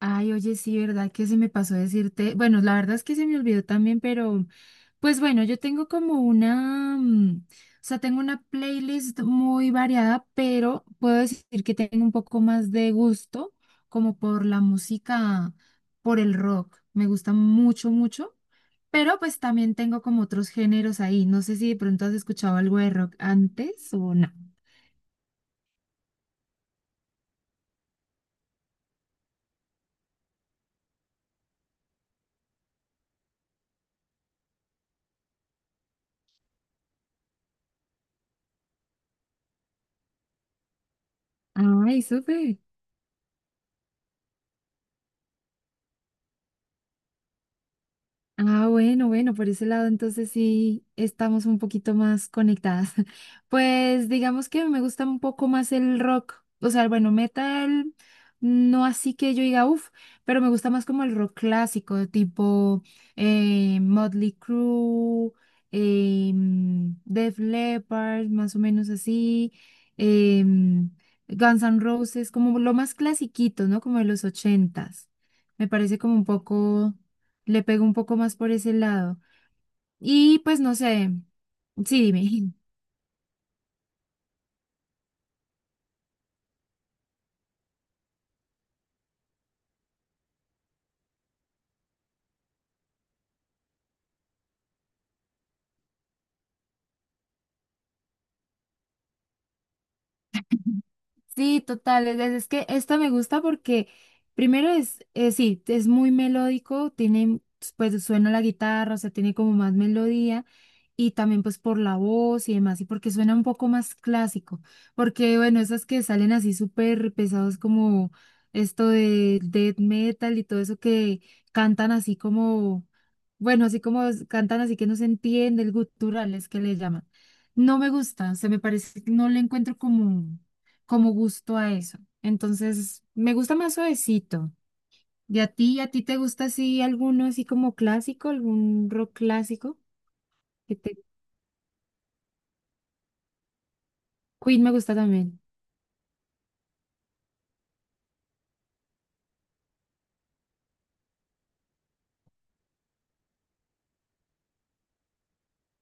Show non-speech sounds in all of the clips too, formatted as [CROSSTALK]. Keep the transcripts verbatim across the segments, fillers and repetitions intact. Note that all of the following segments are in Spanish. Ay, oye, sí, ¿verdad? Que se me pasó decirte. Bueno, la verdad es que se me olvidó también, pero pues bueno, yo tengo como una, mm, o sea, tengo una playlist muy variada, pero puedo decir que tengo un poco más de gusto como por la música, por el rock. Me gusta mucho, mucho, pero pues también tengo como otros géneros ahí. No sé si de pronto has escuchado algo de rock antes o no. Ay, súper. Ah, bueno, bueno, por ese lado entonces sí estamos un poquito más conectadas. [LAUGHS] Pues digamos que me gusta un poco más el rock, o sea, bueno, metal, no así que yo diga, uff, pero me gusta más como el rock clásico, tipo eh, Motley Crue, em, Def Leppard, más o menos así, em, Guns N' Roses, como lo más clasiquito, ¿no? Como de los ochentas. Me parece como un poco le pego un poco más por ese lado. Y pues no sé, sí, dime. Sí, total. Es, es que esta me gusta porque primero es, eh, sí, es muy melódico, tiene, pues suena la guitarra, o sea, tiene como más melodía y también pues por la voz y demás, y porque suena un poco más clásico, porque bueno, esas que salen así súper pesados como esto de death metal y todo eso que cantan así como, bueno, así como es- cantan así que no se entiende, el gutural es que le llaman. No me gusta, o sea, me parece, no le encuentro como como gusto a eso. Entonces, me gusta más suavecito. ¿Y a ti, a ti te gusta así alguno así como clásico, algún rock clásico? Que te... Queen me gusta también.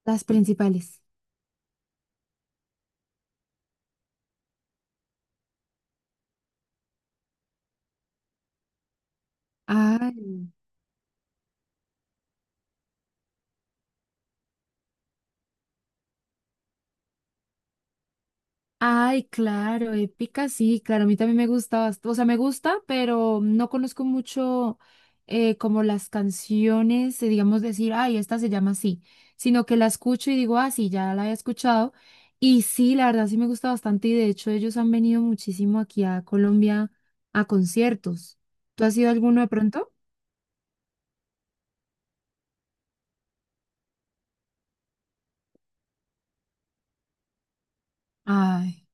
Las principales. Ay. Ay, claro, épica, sí, claro, a mí también me gusta, bast- o sea, me gusta, pero no conozco mucho eh, como las canciones, eh, digamos decir, ay, esta se llama así, sino que la escucho y digo, ah, sí, ya la he escuchado, y sí, la verdad sí me gusta bastante, y de hecho ellos han venido muchísimo aquí a Colombia a conciertos. ¿Tú has ido a alguno de pronto? Ay,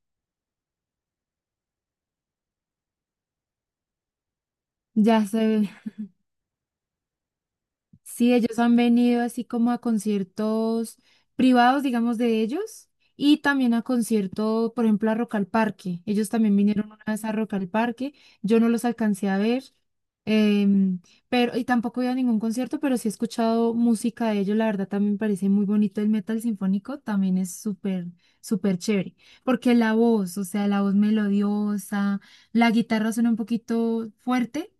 ya sé. Sí, ellos han venido así como a conciertos privados, digamos, de ellos, y también a conciertos, por ejemplo, a Rock al Parque. Ellos también vinieron una vez a Rock al Parque. Yo no los alcancé a ver, em, pero, y tampoco he ido a ningún concierto, pero sí he escuchado música de ellos. La verdad, también me parece muy bonito el metal sinfónico, también es súper, súper chévere. Porque la voz, o sea, la voz melodiosa, la guitarra suena un poquito fuerte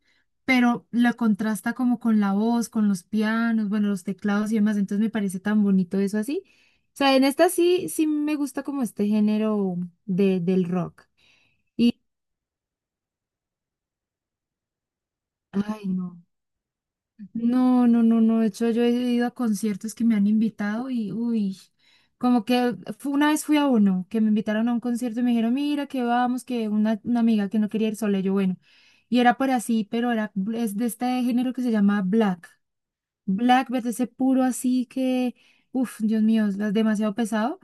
pero la contrasta como con la voz, con los pianos, bueno, los teclados y demás, entonces me parece tan bonito eso así. O sea, en esta sí, sí me gusta como este género de, del rock. Ay, no. No, no, no, no. De hecho, yo he ido a conciertos que me han invitado y, uy, como que fu- una vez fui a uno, que me invitaron a un concierto y me dijeron, mira, que vamos, que una, una amiga que no quería ir sola, y yo, bueno. Y era por así, pero era, es de este género que se llama black. Blackbird, ese puro así que, uff, Dios mío, es demasiado pesado.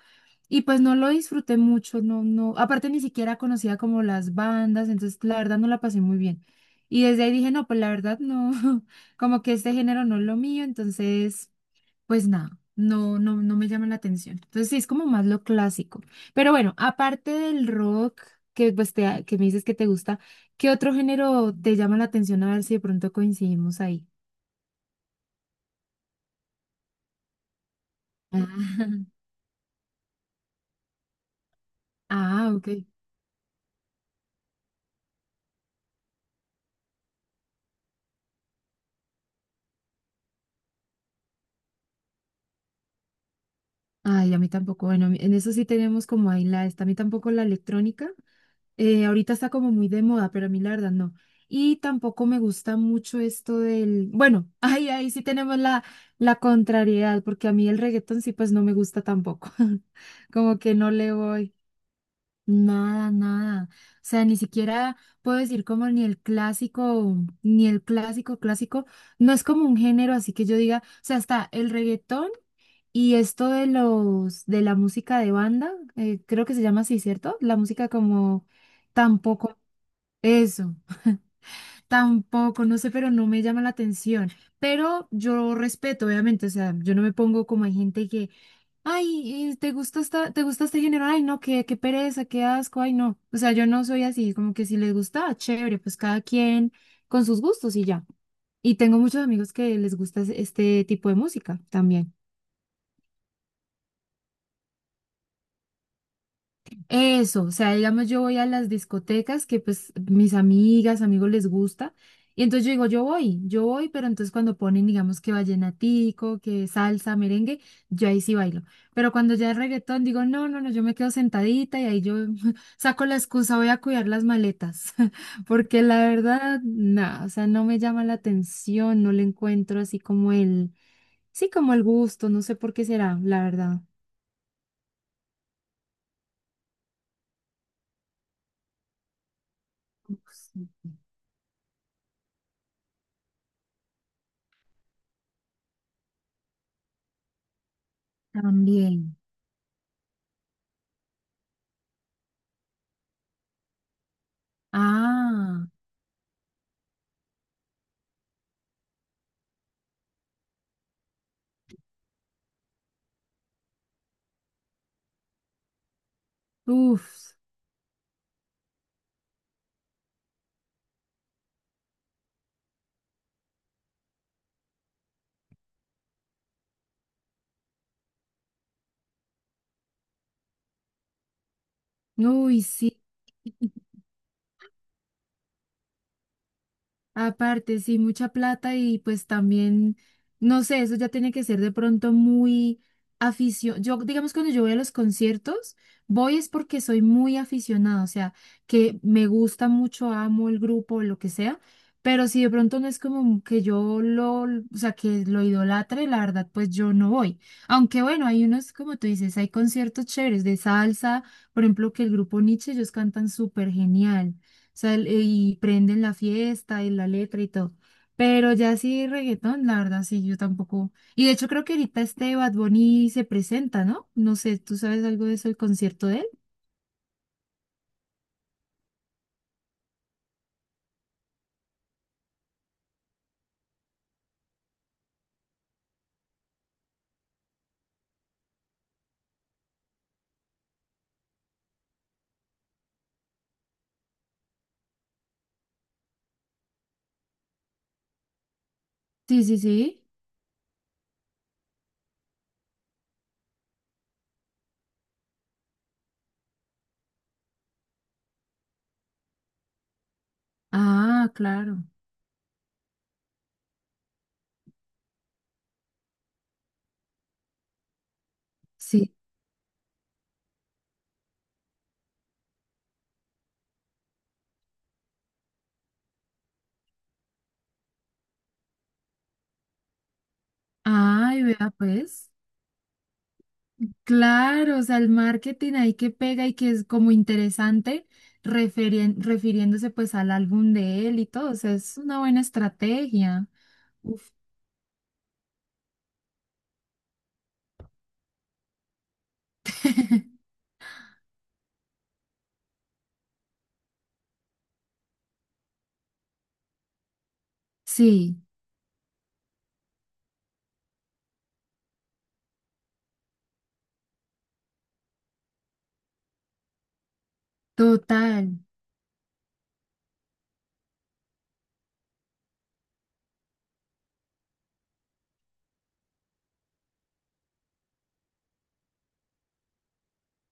Y pues no lo disfruté mucho, no, no, aparte ni siquiera conocía como las bandas, entonces la verdad no la pasé muy bien. Y desde ahí dije, no, pues la verdad no, [LAUGHS] como que este género no es lo mío, entonces, pues nada, no, no, no me llama la atención. Entonces sí, es como más lo clásico. Pero bueno, aparte del rock, que pues te, que me dices que te gusta, ¿qué otro género te llama la atención? A ver si de pronto coincidimos ahí. [LAUGHS] Ah, ok. Ay, a mí tampoco. Bueno, a mí- en eso sí tenemos como ahí la esta. A mí tampoco la electrónica. Eh, ahorita está como muy de moda, pero a mí la verdad no. Y tampoco me gusta mucho esto del. Bueno, [LAUGHS] ahí, ahí sí tenemos la, la contrariedad, porque a mí el reggaetón sí, pues no me gusta tampoco. [LAUGHS] Como que no le voy. Nada, nada. O sea, ni siquiera puedo decir como ni el clásico, ni el clásico, clásico. No es como un género, así que yo diga, o sea, está el reggaetón. Y esto de los de la música de banda, eh, creo que se llama así, ¿cierto? La música como tampoco, eso, tampoco, no sé, pero no me llama la atención. Pero yo respeto, obviamente, o sea, yo no me pongo como hay gente que, ay, eh, ¿te gusta esta, te gusta este género? Ay, no, qué, qué pereza, qué asco, ay, no. O sea, yo no soy así, como que si les gusta, ah, chévere, pues cada quien con sus gustos y ya. Y tengo muchos amigos que les gusta es- este tipo de música también. Eso, o sea, digamos, yo voy a las discotecas que pues mis amigas, amigos les gusta, y entonces yo digo, yo voy, yo voy, pero entonces cuando ponen, digamos, que vallenatico, que salsa, merengue, yo ahí sí bailo. Pero cuando ya es reggaetón, digo, no, no, no, yo me quedo sentadita y ahí yo [LAUGHS] saco la excusa, voy a cuidar las maletas, [LAUGHS] porque la verdad, nada, o sea, no me llama la atención, no le encuentro así como el, sí, como el gusto, no sé por qué será, la verdad. Ups. También. Ah. Uf, uy, sí. Aparte, sí, mucha plata y pues también, no sé, eso ya tiene que ser de pronto muy afición. Yo, digamos, cuando yo voy a los conciertos, voy es porque soy muy aficionada, o sea, que me gusta mucho, amo el grupo, lo que sea, pero si de pronto no es como que yo lo, o sea, que lo idolatre, la verdad, pues yo no voy. Aunque bueno, hay unos, como tú dices, hay conciertos chéveres de salsa, por ejemplo, que el grupo Nietzsche, ellos cantan súper genial sea, el- y prenden la fiesta y la letra y todo. Pero ya sí, reggaetón, la verdad, sí, yo tampoco. Y de hecho creo que ahorita este Bad Bunny se presenta, ¿no? No sé, ¿tú sabes algo de eso, el concierto de él? Sí, sí, sí. Ah, claro. Sí. Ay, vea pues. Claro, o sea, el marketing ahí que pega y que es como interesante, referen- refiriéndose pues al álbum de él y todo, o sea, es una buena estrategia. Uf. [LAUGHS] Sí, total.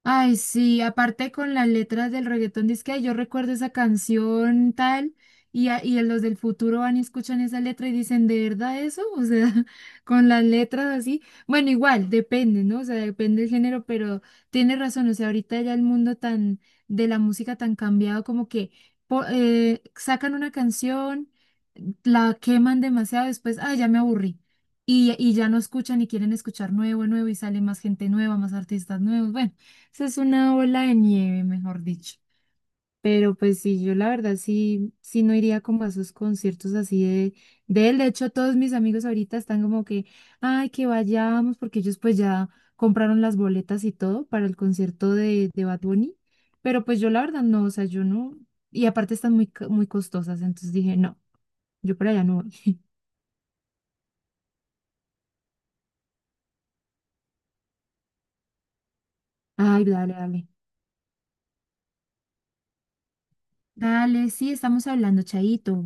Ay, sí, aparte con las letras del reggaetón, dice que "Ay, yo recuerdo esa canción tal, y, a- y los del futuro van y escuchan esa letra y dicen, ¿de verdad eso? O sea, [LAUGHS] con las letras así. Bueno, igual, depende, ¿no? O sea, depende del género, pero tiene razón, o sea, ahorita ya el mundo tan, de la música tan cambiado, como que po- eh, sacan una canción, la queman demasiado, después, ay, ya me aburrí. Y, y ya no escuchan y quieren escuchar nuevo, nuevo, y sale más gente nueva, más artistas nuevos. Bueno. Eso es una ola de nieve, mejor dicho. Pero pues sí, yo la verdad sí, sí no iría como a esos conciertos así de, de él. De hecho, todos mis amigos ahorita están como que, ay, que vayamos, porque ellos pues ya compraron las boletas y todo para el concierto de, de Bad Bunny. Pero pues yo la verdad no, o sea, yo no. Y aparte están muy, ca- muy costosas, entonces dije, no, yo para allá no voy. [LAUGHS] Ay, dale, dale. Dale, sí, estamos hablando, Chaito.